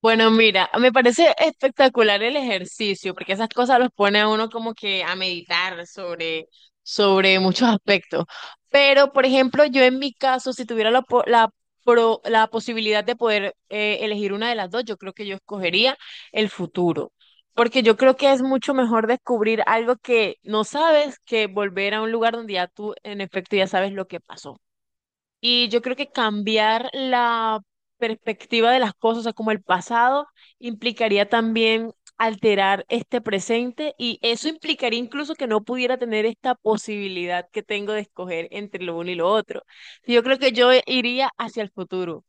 Bueno, mira, me parece espectacular el ejercicio, porque esas cosas los pone a uno como que a meditar sobre muchos aspectos. Pero, por ejemplo, yo en mi caso, si tuviera la, po- la, pro- la posibilidad de poder elegir una de las dos, yo creo que yo escogería el futuro, porque yo creo que es mucho mejor descubrir algo que no sabes que volver a un lugar donde ya tú, en efecto, ya sabes lo que pasó. Y yo creo que cambiar la perspectiva de las cosas, o sea, como el pasado, implicaría también alterar este presente y eso implicaría incluso que no pudiera tener esta posibilidad que tengo de escoger entre lo uno y lo otro. Yo creo que yo iría hacia el futuro.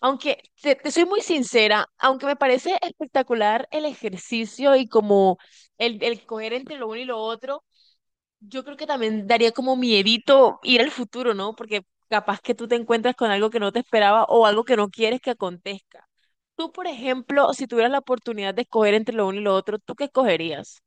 Aunque te soy muy sincera, aunque me parece espectacular el ejercicio y como el coger entre lo uno y lo otro, yo creo que también daría como miedito ir al futuro, ¿no? Porque capaz que tú te encuentras con algo que no te esperaba o algo que no quieres que acontezca. Tú, por ejemplo, si tuvieras la oportunidad de escoger entre lo uno y lo otro, ¿tú qué escogerías?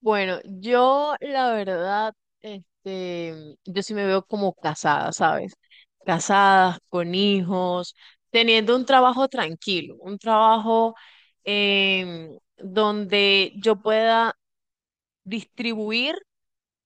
Bueno, yo la verdad, este, yo sí me veo como casada, ¿sabes? Casada, con hijos, teniendo un trabajo tranquilo, un trabajo donde yo pueda distribuir.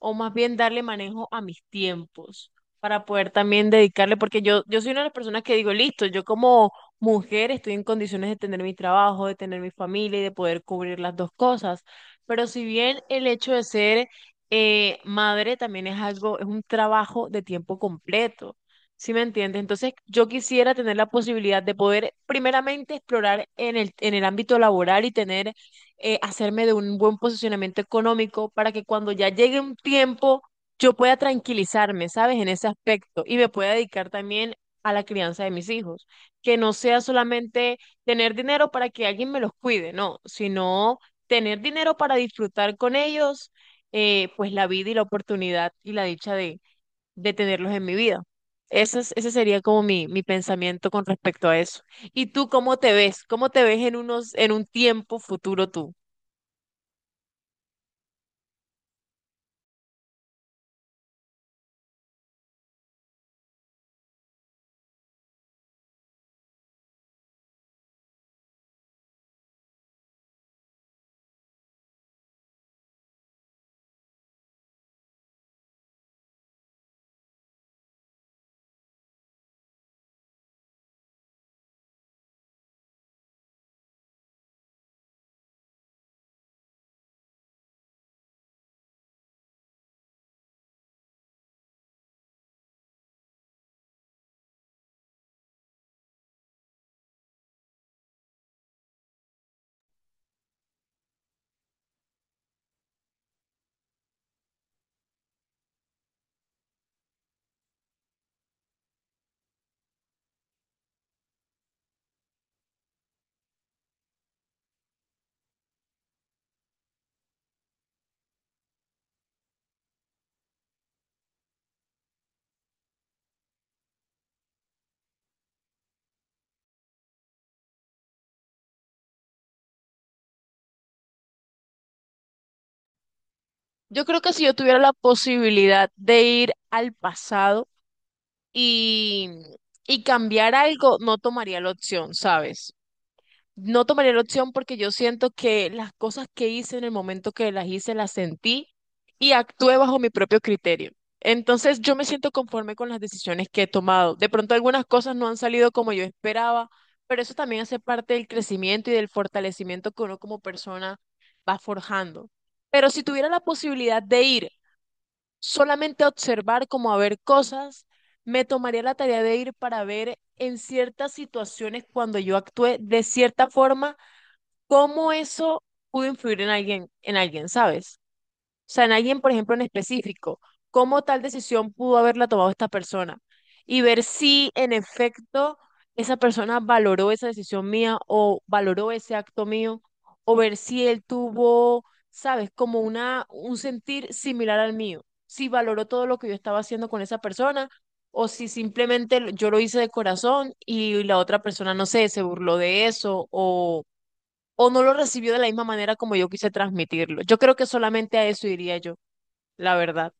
O más bien darle manejo a mis tiempos para poder también dedicarle, porque yo soy una de las personas que digo, listo, yo como mujer estoy en condiciones de tener mi trabajo, de tener mi familia y de poder cubrir las dos cosas, pero si bien el hecho de ser madre también es algo, es un trabajo de tiempo completo. ¿Sí me entiendes? Entonces, yo quisiera tener la posibilidad de poder primeramente explorar en el ámbito laboral y tener hacerme de un buen posicionamiento económico para que cuando ya llegue un tiempo yo pueda tranquilizarme, ¿sabes? En ese aspecto y me pueda dedicar también a la crianza de mis hijos, que no sea solamente tener dinero para que alguien me los cuide, no, sino tener dinero para disfrutar con ellos, pues la vida y la oportunidad y la dicha de tenerlos en mi vida. Ese sería como mi pensamiento con respecto a eso. ¿Y tú cómo te ves? ¿Cómo te ves en unos, en un tiempo futuro tú? Yo creo que si yo tuviera la posibilidad de ir al pasado y, y cambiar algo, no tomaría la opción, ¿sabes? No tomaría la opción porque yo siento que las cosas que hice en el momento que las hice, las sentí y actué bajo mi propio criterio. Entonces yo me siento conforme con las decisiones que he tomado. De pronto algunas cosas no han salido como yo esperaba, pero eso también hace parte del crecimiento y del fortalecimiento que uno como persona va forjando. Pero si tuviera la posibilidad de ir solamente observar como a ver cosas, me tomaría la tarea de ir para ver en ciertas situaciones cuando yo actué de cierta forma, cómo eso pudo influir en alguien, ¿sabes? Sea, en alguien, por ejemplo, en específico, cómo tal decisión pudo haberla tomado esta persona y ver si en efecto esa persona valoró esa decisión mía o valoró ese acto mío o ver si él tuvo, sabes, como una, un sentir similar al mío, si valoró todo lo que yo estaba haciendo con esa persona o si simplemente yo lo hice de corazón y la otra persona, no sé, se burló de eso o no lo recibió de la misma manera como yo quise transmitirlo. Yo creo que solamente a eso iría yo, la verdad.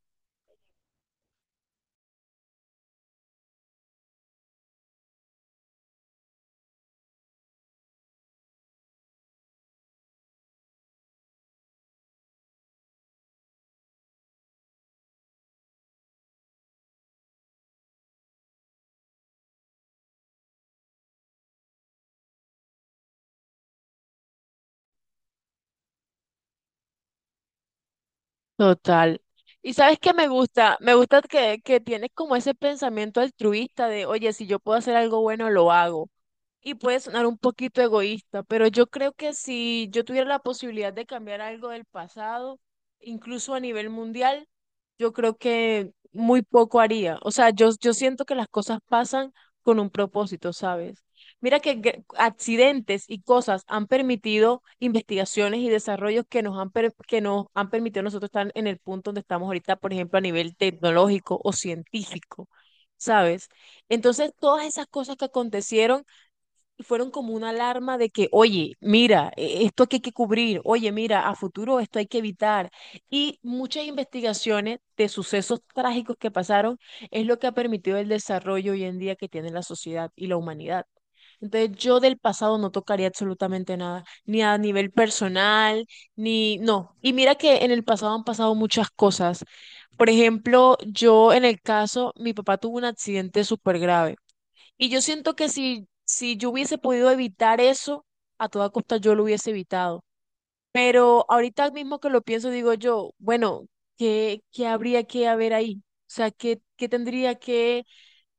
Total. ¿Y sabes qué me gusta? Me gusta que tienes como ese pensamiento altruista de, oye, si yo puedo hacer algo bueno, lo hago. Y puede sonar un poquito egoísta, pero yo creo que si yo tuviera la posibilidad de cambiar algo del pasado, incluso a nivel mundial, yo creo que muy poco haría. O sea, yo siento que las cosas pasan con un propósito, ¿sabes? Mira que accidentes y cosas han permitido investigaciones y desarrollos que nos han permitido nosotros estar en el punto donde estamos ahorita, por ejemplo, a nivel tecnológico o científico, ¿sabes? Entonces, todas esas cosas que acontecieron y fueron como una alarma de que, oye, mira, esto aquí hay que cubrir, oye, mira, a futuro esto hay que evitar. Y muchas investigaciones de sucesos trágicos que pasaron es lo que ha permitido el desarrollo hoy en día que tiene la sociedad y la humanidad. Entonces yo del pasado no tocaría absolutamente nada, ni a nivel personal, ni no. Y mira que en el pasado han pasado muchas cosas. Por ejemplo, yo en el caso, mi papá tuvo un accidente súper grave. Y yo siento que si yo hubiese podido evitar eso, a toda costa yo lo hubiese evitado. Pero ahorita mismo que lo pienso, digo yo, bueno, ¿qué habría que haber ahí? O sea, ¿qué tendría que,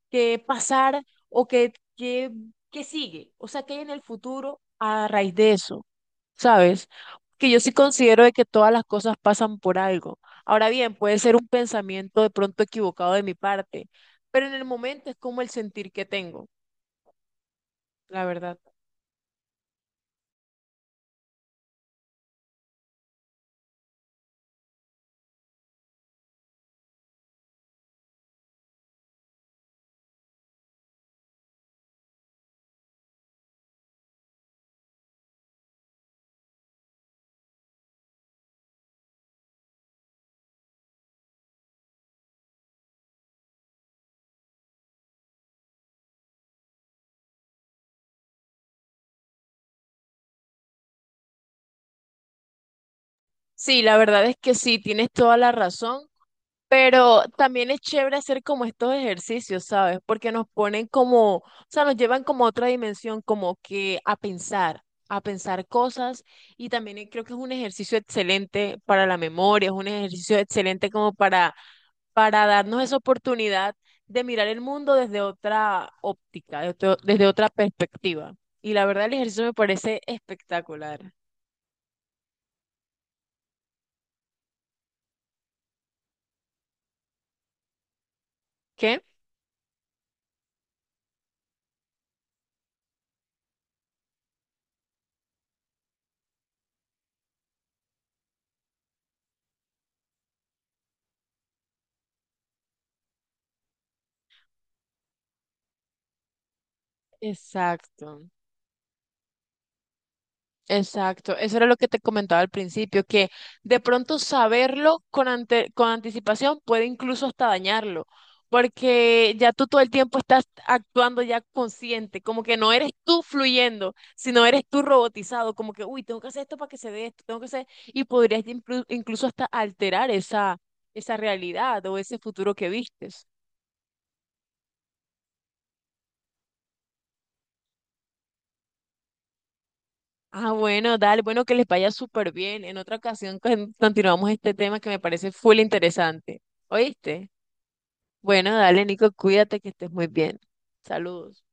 que pasar o qué sigue? O sea, ¿qué hay en el futuro a raíz de eso? ¿Sabes? Que yo sí considero de que todas las cosas pasan por algo. Ahora bien, puede ser un pensamiento de pronto equivocado de mi parte, pero en el momento es como el sentir que tengo. La verdad. Sí, la verdad es que sí, tienes toda la razón, pero también es chévere hacer como estos ejercicios, ¿sabes? Porque nos ponen como, o sea, nos llevan como a otra dimensión, como que a pensar cosas y también creo que es un ejercicio excelente para la memoria, es un ejercicio excelente como para darnos esa oportunidad de mirar el mundo desde otra óptica, de desde otra perspectiva. Y la verdad el ejercicio me parece espectacular. ¿Qué? Exacto. Exacto, eso era lo que te comentaba al principio, que de pronto saberlo con, con anticipación puede incluso hasta dañarlo, porque ya tú todo el tiempo estás actuando ya consciente, como que no eres tú fluyendo, sino eres tú robotizado, como que, uy, tengo que hacer esto para que se dé esto, tengo que hacer, y podrías incluso hasta alterar esa, esa realidad o ese futuro que vistes. Ah, bueno, dale, bueno, que les vaya súper bien. En otra ocasión continuamos este tema que me parece full interesante. ¿Oíste? Bueno, dale, Nico, cuídate que estés muy bien. Saludos.